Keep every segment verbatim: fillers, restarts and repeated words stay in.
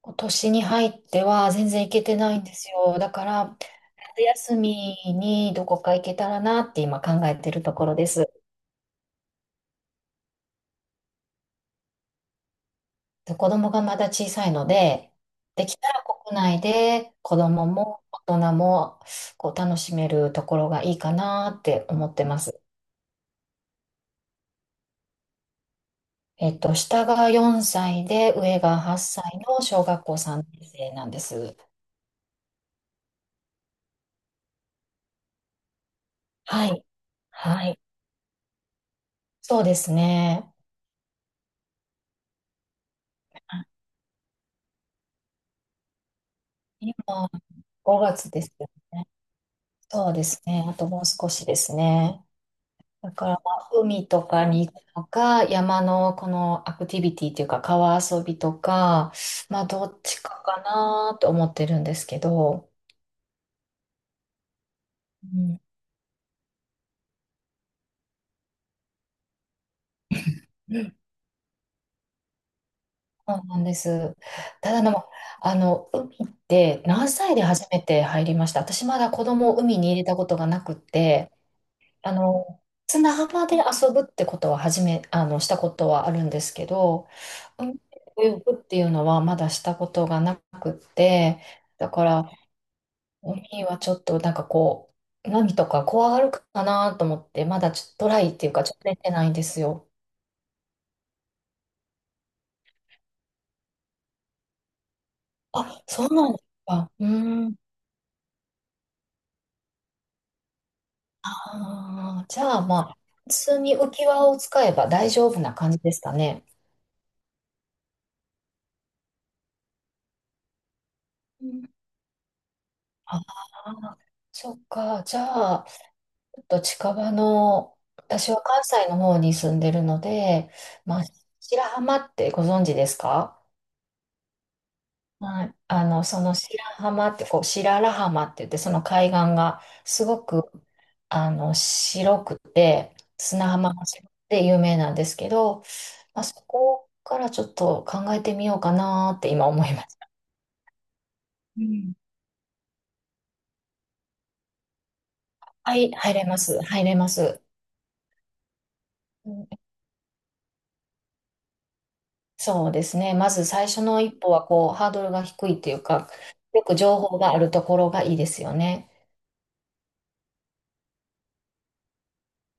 今年に入っては全然行けてないんですよ。だから、夏休みにどこか行けたらなって今考えてるところです。で子供がまだ小さいので、できたら国内で子供も大人もこう楽しめるところがいいかなって思ってます。えっと、下がよんさいで上がはっさいの小学校さんねん生なんです。はい。はい。そうですね。今ごがつですよね？そうですね。あともう少しですね。だから、まあ海とかに行くのか、山のこのアクティビティというか、川遊びとか、まあ、どっちかかなと思ってるんですけど、うん、うん、そうなんです。ただでも、あの、海って何歳で初めて入りました？私まだ子供を海に入れたことがなくって、あの、砂浜で遊ぶってことは初め、あの、したことはあるんですけど、海で泳ぐっていうのはまだしたことがなくって、だから海はちょっとなんかこう、波とか怖がるかなと思って、まだちょっとトライっていうか、ちょっと出てないんですよ。あ、そうなんですか。うーん。ああ、じゃあまあ、普通に浮き輪を使えば大丈夫な感じですかね？うん、ああ、そっか。じゃあ、と近場の、私は関西の方に住んでるので、まあ、白浜ってご存知ですか？はい。あの、その白浜って、こう、白良浜って言って、その海岸がすごく、あの、白くて、砂浜が白くて有名なんですけど、まあ、そこからちょっと考えてみようかなって今思います。うん。はい、入れます。入れます。そうですね。まず最初の一歩は、こう、ハードルが低いっていうか、よく情報があるところがいいですよね。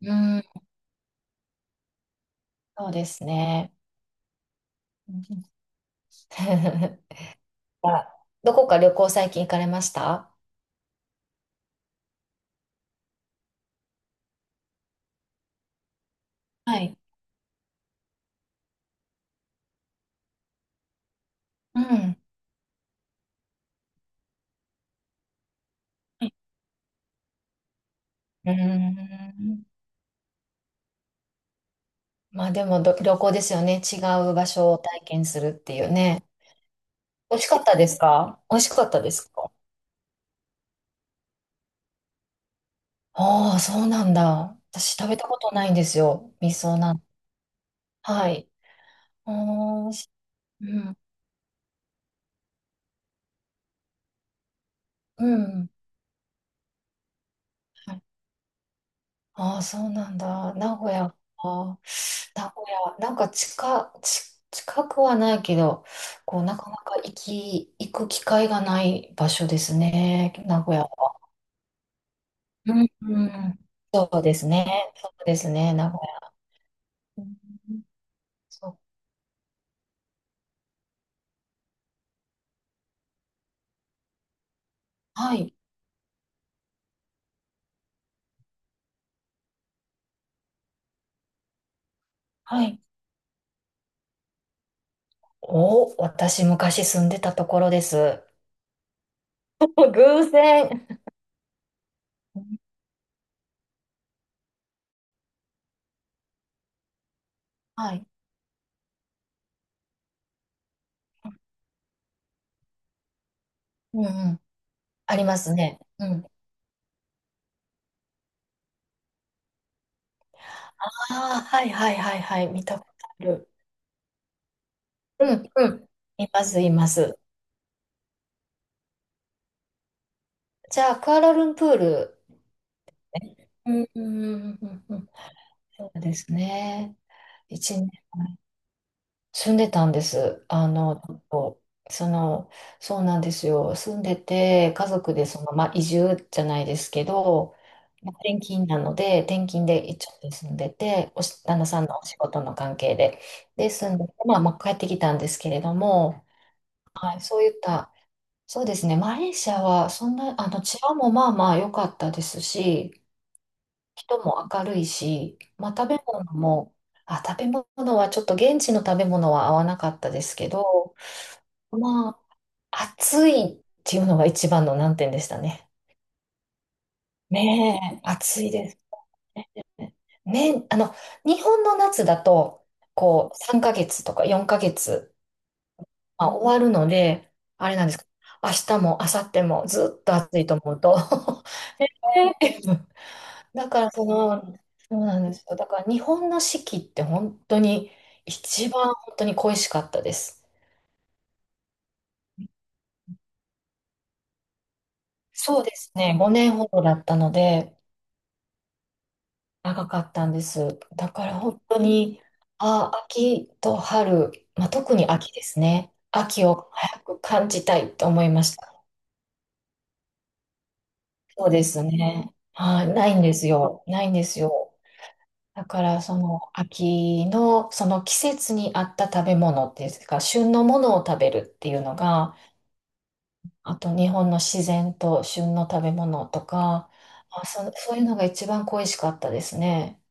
うん、そうですね。うん。 あ、どこか旅行最近行かれました？はい。うん。うん。まあでもど旅行ですよね。違う場所を体験するっていうね。美味しかったですか？美味しかったですか？ああ、そうなんだ。私食べたことないんですよ。味噌なん。はい。ああ、し、うん。うん。はい、ああ、そうなんだ。名古屋か。名古屋、なんか近、ち、近くはないけど、こう、なかなか行き、行く機会がない場所ですね、名古屋は。うん、うん。そうですね。そうですね、名古屋。うん、そう。はい、はい。お、私昔住んでたところです。偶然。はい。うん、うん。ありますね。うん。ああ、はい、はい、はい、はい。見たことある。うん、うん。います、います。じゃあ、クアラルンプール。うん、うん、うんうんうん、そうですね。一年前住んでたんです。あの、ちょっとその、そうなんですよ。住んでて、家族でその、まあ、移住じゃないですけど、まあ転勤なので、転勤で一応住んでて、おし、旦那さんのお仕事の関係で、で、住んでて、まあ、まあ、帰ってきたんですけれども、はい、そういった、そうですね。マレーシアは、そんな、あの、治安もまあまあ良かったですし、人も明るいし、まあ食べ物も、あ、食べ物はちょっと現地の食べ物は合わなかったですけど、まあ、暑いっていうのが一番の難点でしたね。ねえ、暑いですね。ね、あの、日本の夏だと、こう、さんかげつとかよんかげつ、まあ、終わるので、あれなんですけど、明日も明後日もずっと暑いと思うと。 だからその、そうなんですよ。だから日本の四季って本当に一番本当に恋しかったです。そうですね、ごねんほどだったので長かったんです。だから本当に、あ、秋と春、まあ、特に秋ですね。秋を早く感じたいと思いました。そうですね。はい、ないんですよ。ないんですよ。だからその秋のその季節に合った食べ物っていうか旬のものを食べるっていうのが、あと日本の自然と旬の食べ物とか、あ、そ、そういうのが一番恋しかったですね。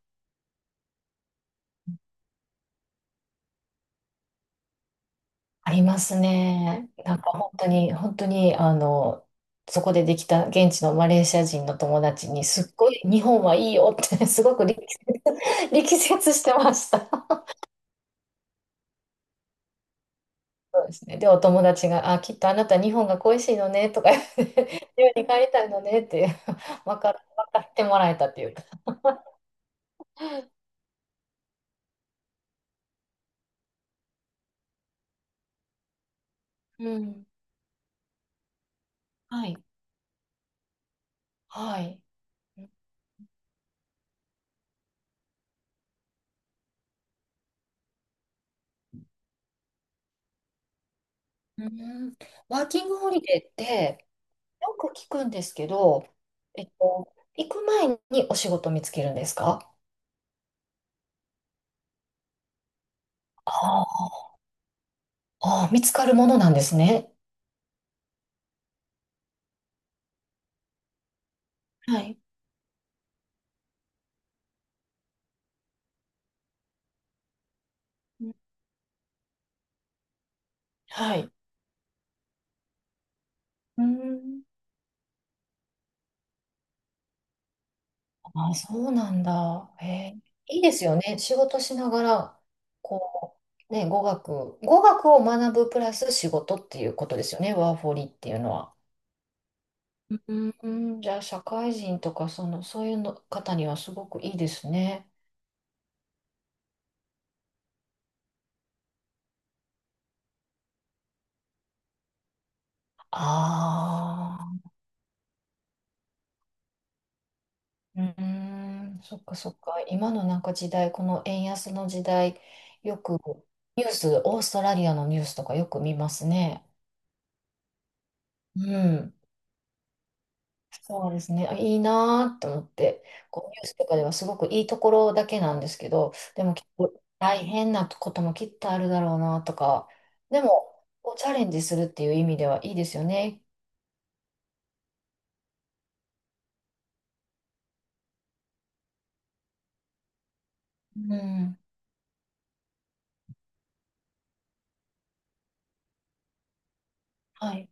ありますね。なんか本当に、本当に、あの、そこでできた現地のマレーシア人の友達に、すっごい日本はいいよって すごく力説、力説してました。そうですね。で、お友達が、あ、きっとあなた日本が恋しいのねとか言って、日本に帰りたいのねって、分か、分かってもらえたっていうか。うん。はい。はい。うん、ワーキングホリデーってよく聞くんですけど、えっと、行く前にお仕事見つけるんですか？ああ、ああ見つかるものなんですね。はい。うん、はい。うん。ああ、そうなんだ。へえ、いいですよね。仕事しながら、こう、ね、語学、語学を学ぶプラス仕事っていうことですよね。ワーホリっていうのは。うん、うん、じゃあ、社会人とか、その、そういうの方にはすごくいいですね。ああ、うーん、そっかそっか。今のなんか時代、この円安の時代、よくニュース、オーストラリアのニュースとかよく見ますね。うん。そうですね。あいいなーって思って、こうニュースとかではすごくいいところだけなんですけど、でも結構大変なこともきっとあるだろうなとか、でもこうチャレンジするっていう意味ではいいですよね。うん。はい。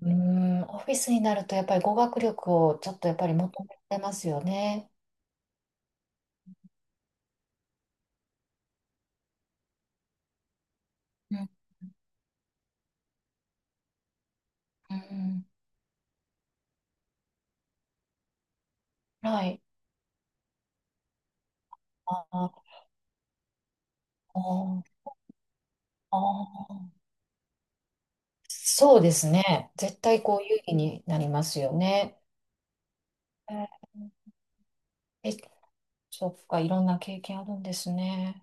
うーん、オフィスになるとやっぱり語学力をちょっとやっぱり求められますよね。うん、うん、はい。ああ、ああ、そうですね。絶対こう有利になりますよね。えーえ、そっか、いろんな経験あるんですね。